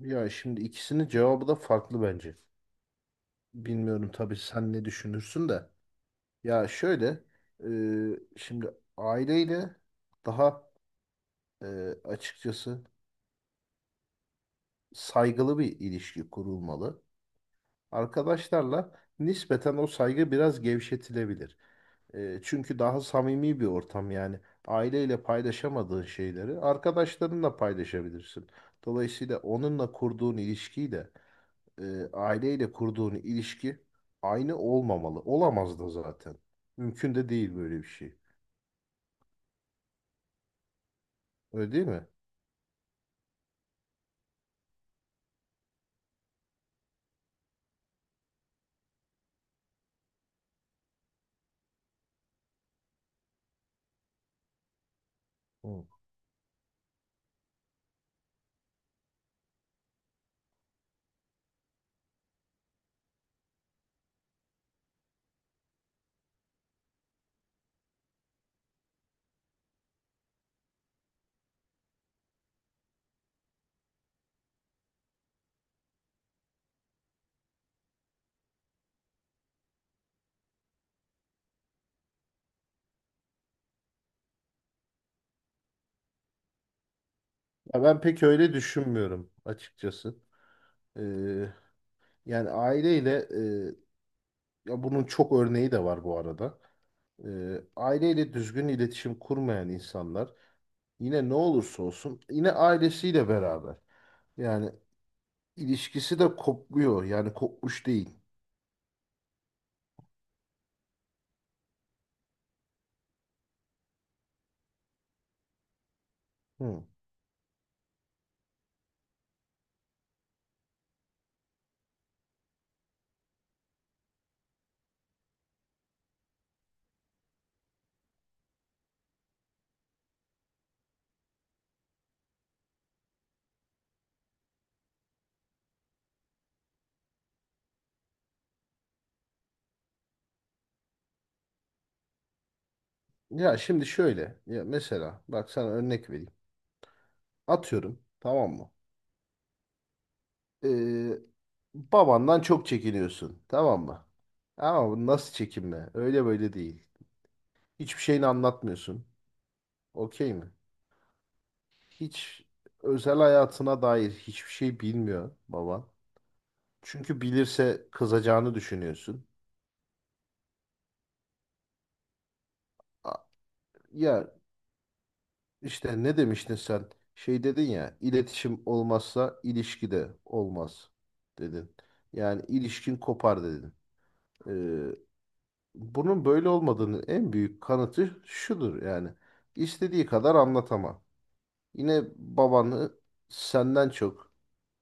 Ya şimdi ikisinin cevabı da farklı bence. Bilmiyorum tabii sen ne düşünürsün de. Ya şöyle, şimdi aileyle daha e, açıkçası saygılı bir ilişki kurulmalı. Arkadaşlarla nispeten o saygı biraz gevşetilebilir. Çünkü daha samimi bir ortam yani. Aileyle paylaşamadığın şeyleri arkadaşlarınla paylaşabilirsin. Dolayısıyla onunla kurduğun ilişkiyi de aileyle kurduğun ilişki aynı olmamalı. Olamaz da zaten. Mümkün de değil böyle bir şey. Öyle değil mi? Hı. Ya ben pek öyle düşünmüyorum açıkçası. E, yani aileyle e, ya bunun çok örneği de var bu arada. Aileyle düzgün iletişim kurmayan insanlar yine ne olursa olsun yine ailesiyle beraber. Yani ilişkisi de kopmuyor. Yani kopmuş değil. Hı. Ya şimdi şöyle. Ya mesela bak sana örnek vereyim. Atıyorum. Tamam mı? Ee, babandan çok çekiniyorsun. Tamam mı? Ama bu nasıl çekinme? Öyle böyle değil. Hiçbir şeyini anlatmıyorsun. Okey mi? Hiç özel hayatına dair hiçbir şey bilmiyor baban. Çünkü bilirse kızacağını düşünüyorsun. A- Ya işte ne demiştin sen? Şey dedin ya, iletişim olmazsa ilişki de olmaz dedin. Yani ilişkin kopar dedin. Ee, Bunun böyle olmadığını en büyük kanıtı şudur yani. İstediği kadar anlatama. Yine babanı senden çok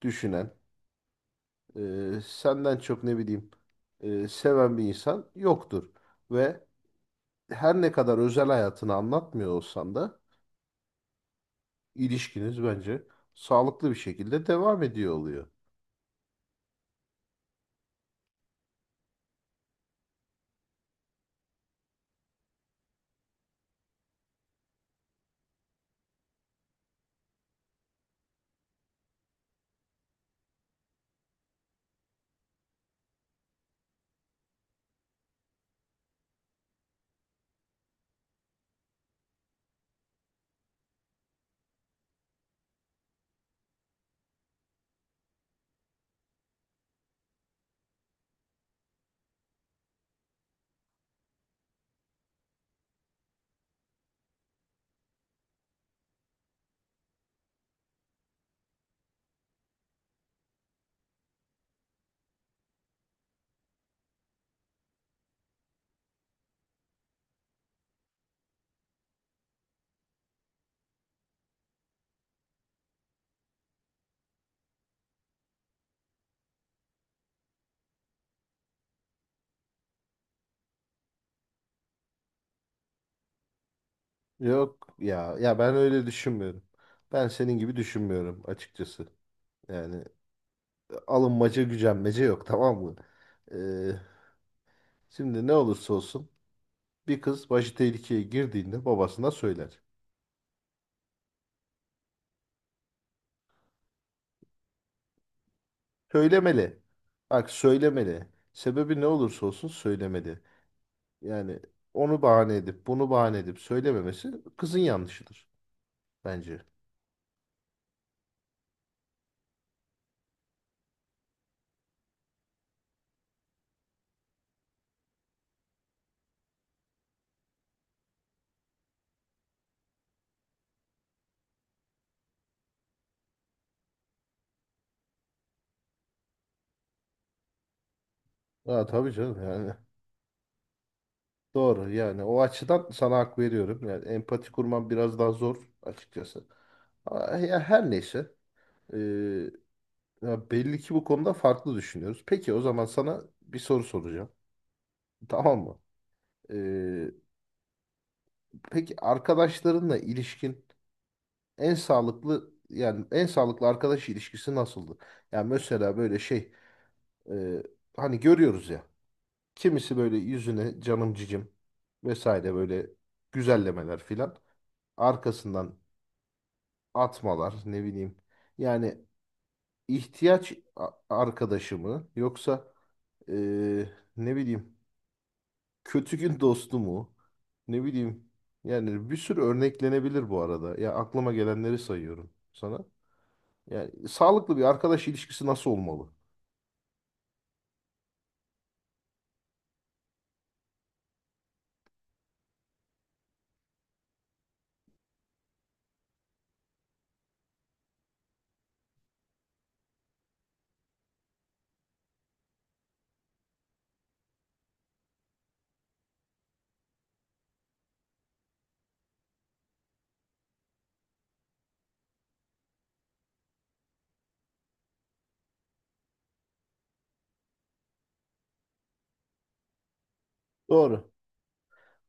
düşünen, senden çok ne bileyim seven bir insan yoktur. Ve her ne kadar özel hayatını anlatmıyor olsan da ilişkiniz bence sağlıklı bir şekilde devam ediyor oluyor. Yok ya, ben öyle düşünmüyorum. Ben senin gibi düşünmüyorum açıkçası. Yani alınmaca gücenmece yok, tamam mı? Ee, şimdi ne olursa olsun bir kız başı tehlikeye girdiğinde babasına söyler. Söylemeli. Bak söylemeli. Sebebi ne olursa olsun söylemeli. Yani onu bahane edip bunu bahane edip söylememesi kızın yanlışıdır bence. Aa, tabii canım yani. Doğru, yani o açıdan sana hak veriyorum. Yani empati kurman biraz daha zor açıkçası. Ama ya her neyse. ee, Ya belli ki bu konuda farklı düşünüyoruz. Peki o zaman sana bir soru soracağım. Tamam mı? Ee, peki arkadaşlarınla ilişkin en sağlıklı, yani en sağlıklı arkadaş ilişkisi nasıldı? Yani mesela böyle şey e, hani görüyoruz ya, kimisi böyle yüzüne canım cicim vesaire böyle güzellemeler filan arkasından atmalar ne bileyim. Yani arkadaşı mı, yoksa e, ne bileyim kötü gün dostu mu? Ne bileyim. Yani bir sürü örneklenebilir bu arada. Ya aklıma gelenleri sayıyorum sana. Yani sağlıklı bir arkadaş ilişkisi nasıl olmalı? Doğru.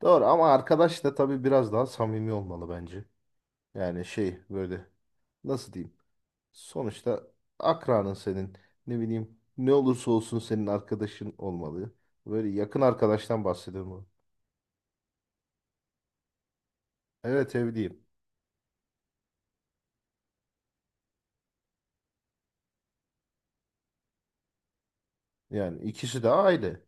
Doğru ama arkadaş da tabii biraz daha samimi olmalı bence. Yani şey böyle, nasıl diyeyim? Sonuçta akranın senin, ne bileyim, ne olursa olsun senin arkadaşın olmalı. Böyle yakın arkadaştan bahsediyorum. Evet evliyim. Yani ikisi de aile.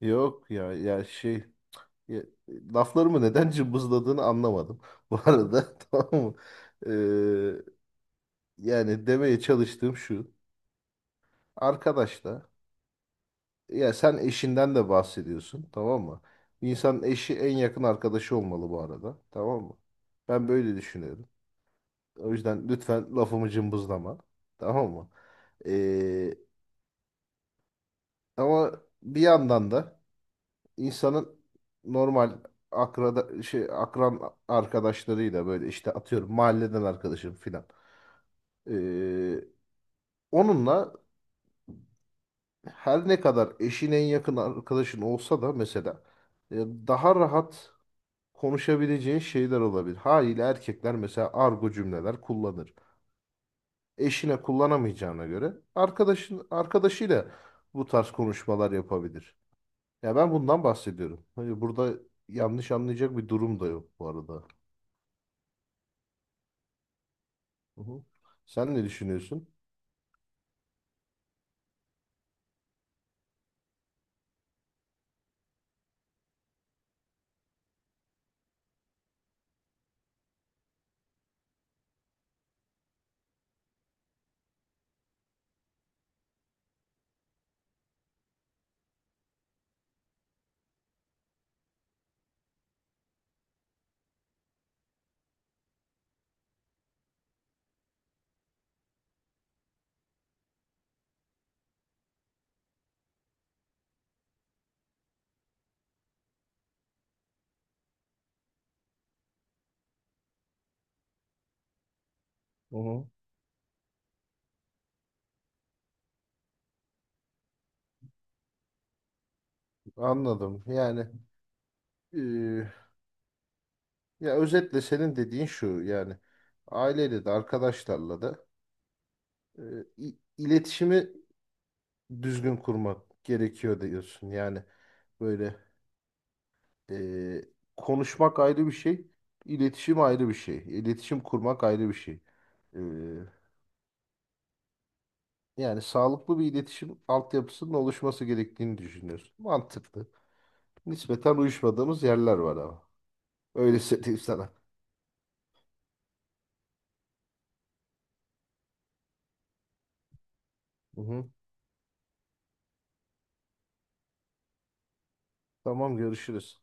Yok ya ya şey Ya, Laflarımı neden cımbızladığını anlamadım. Bu arada tamam mı? Ee, yani demeye çalıştığım şu. Arkadaş da, ya sen eşinden de bahsediyorsun, tamam mı? Bir İnsanın eşi en yakın arkadaşı olmalı bu arada. Tamam mı? Ben böyle düşünüyorum. O yüzden lütfen lafımı cımbızlama. Tamam mı? Ee, ama bir yandan da insanın normal akrada şey akran arkadaşlarıyla böyle işte atıyorum mahalleden arkadaşım filan. Ee, onunla her ne kadar eşin en yakın arkadaşın olsa da mesela daha rahat konuşabileceğin şeyler olabilir. Haliyle erkekler mesela argo cümleler kullanır. Eşine kullanamayacağına göre arkadaşıyla bu tarz konuşmalar yapabilir. Ya ben bundan bahsediyorum. Hani burada yanlış anlayacak bir durum da yok bu arada. Hı hı. Sen ne düşünüyorsun? Hı hı. Anladım. Yani, ya özetle senin dediğin şu, yani aileyle de arkadaşlarla da e, iletişimi düzgün kurmak gerekiyor diyorsun. Yani böyle, e, konuşmak ayrı bir şey, iletişim ayrı bir şey, iletişim kurmak ayrı bir şey. E, yani sağlıklı bir iletişim altyapısının oluşması gerektiğini düşünüyorsun. Mantıklı. Nispeten uyuşmadığımız yerler var ama. Öyle söyleyeyim sana. Hı hı. Tamam görüşürüz.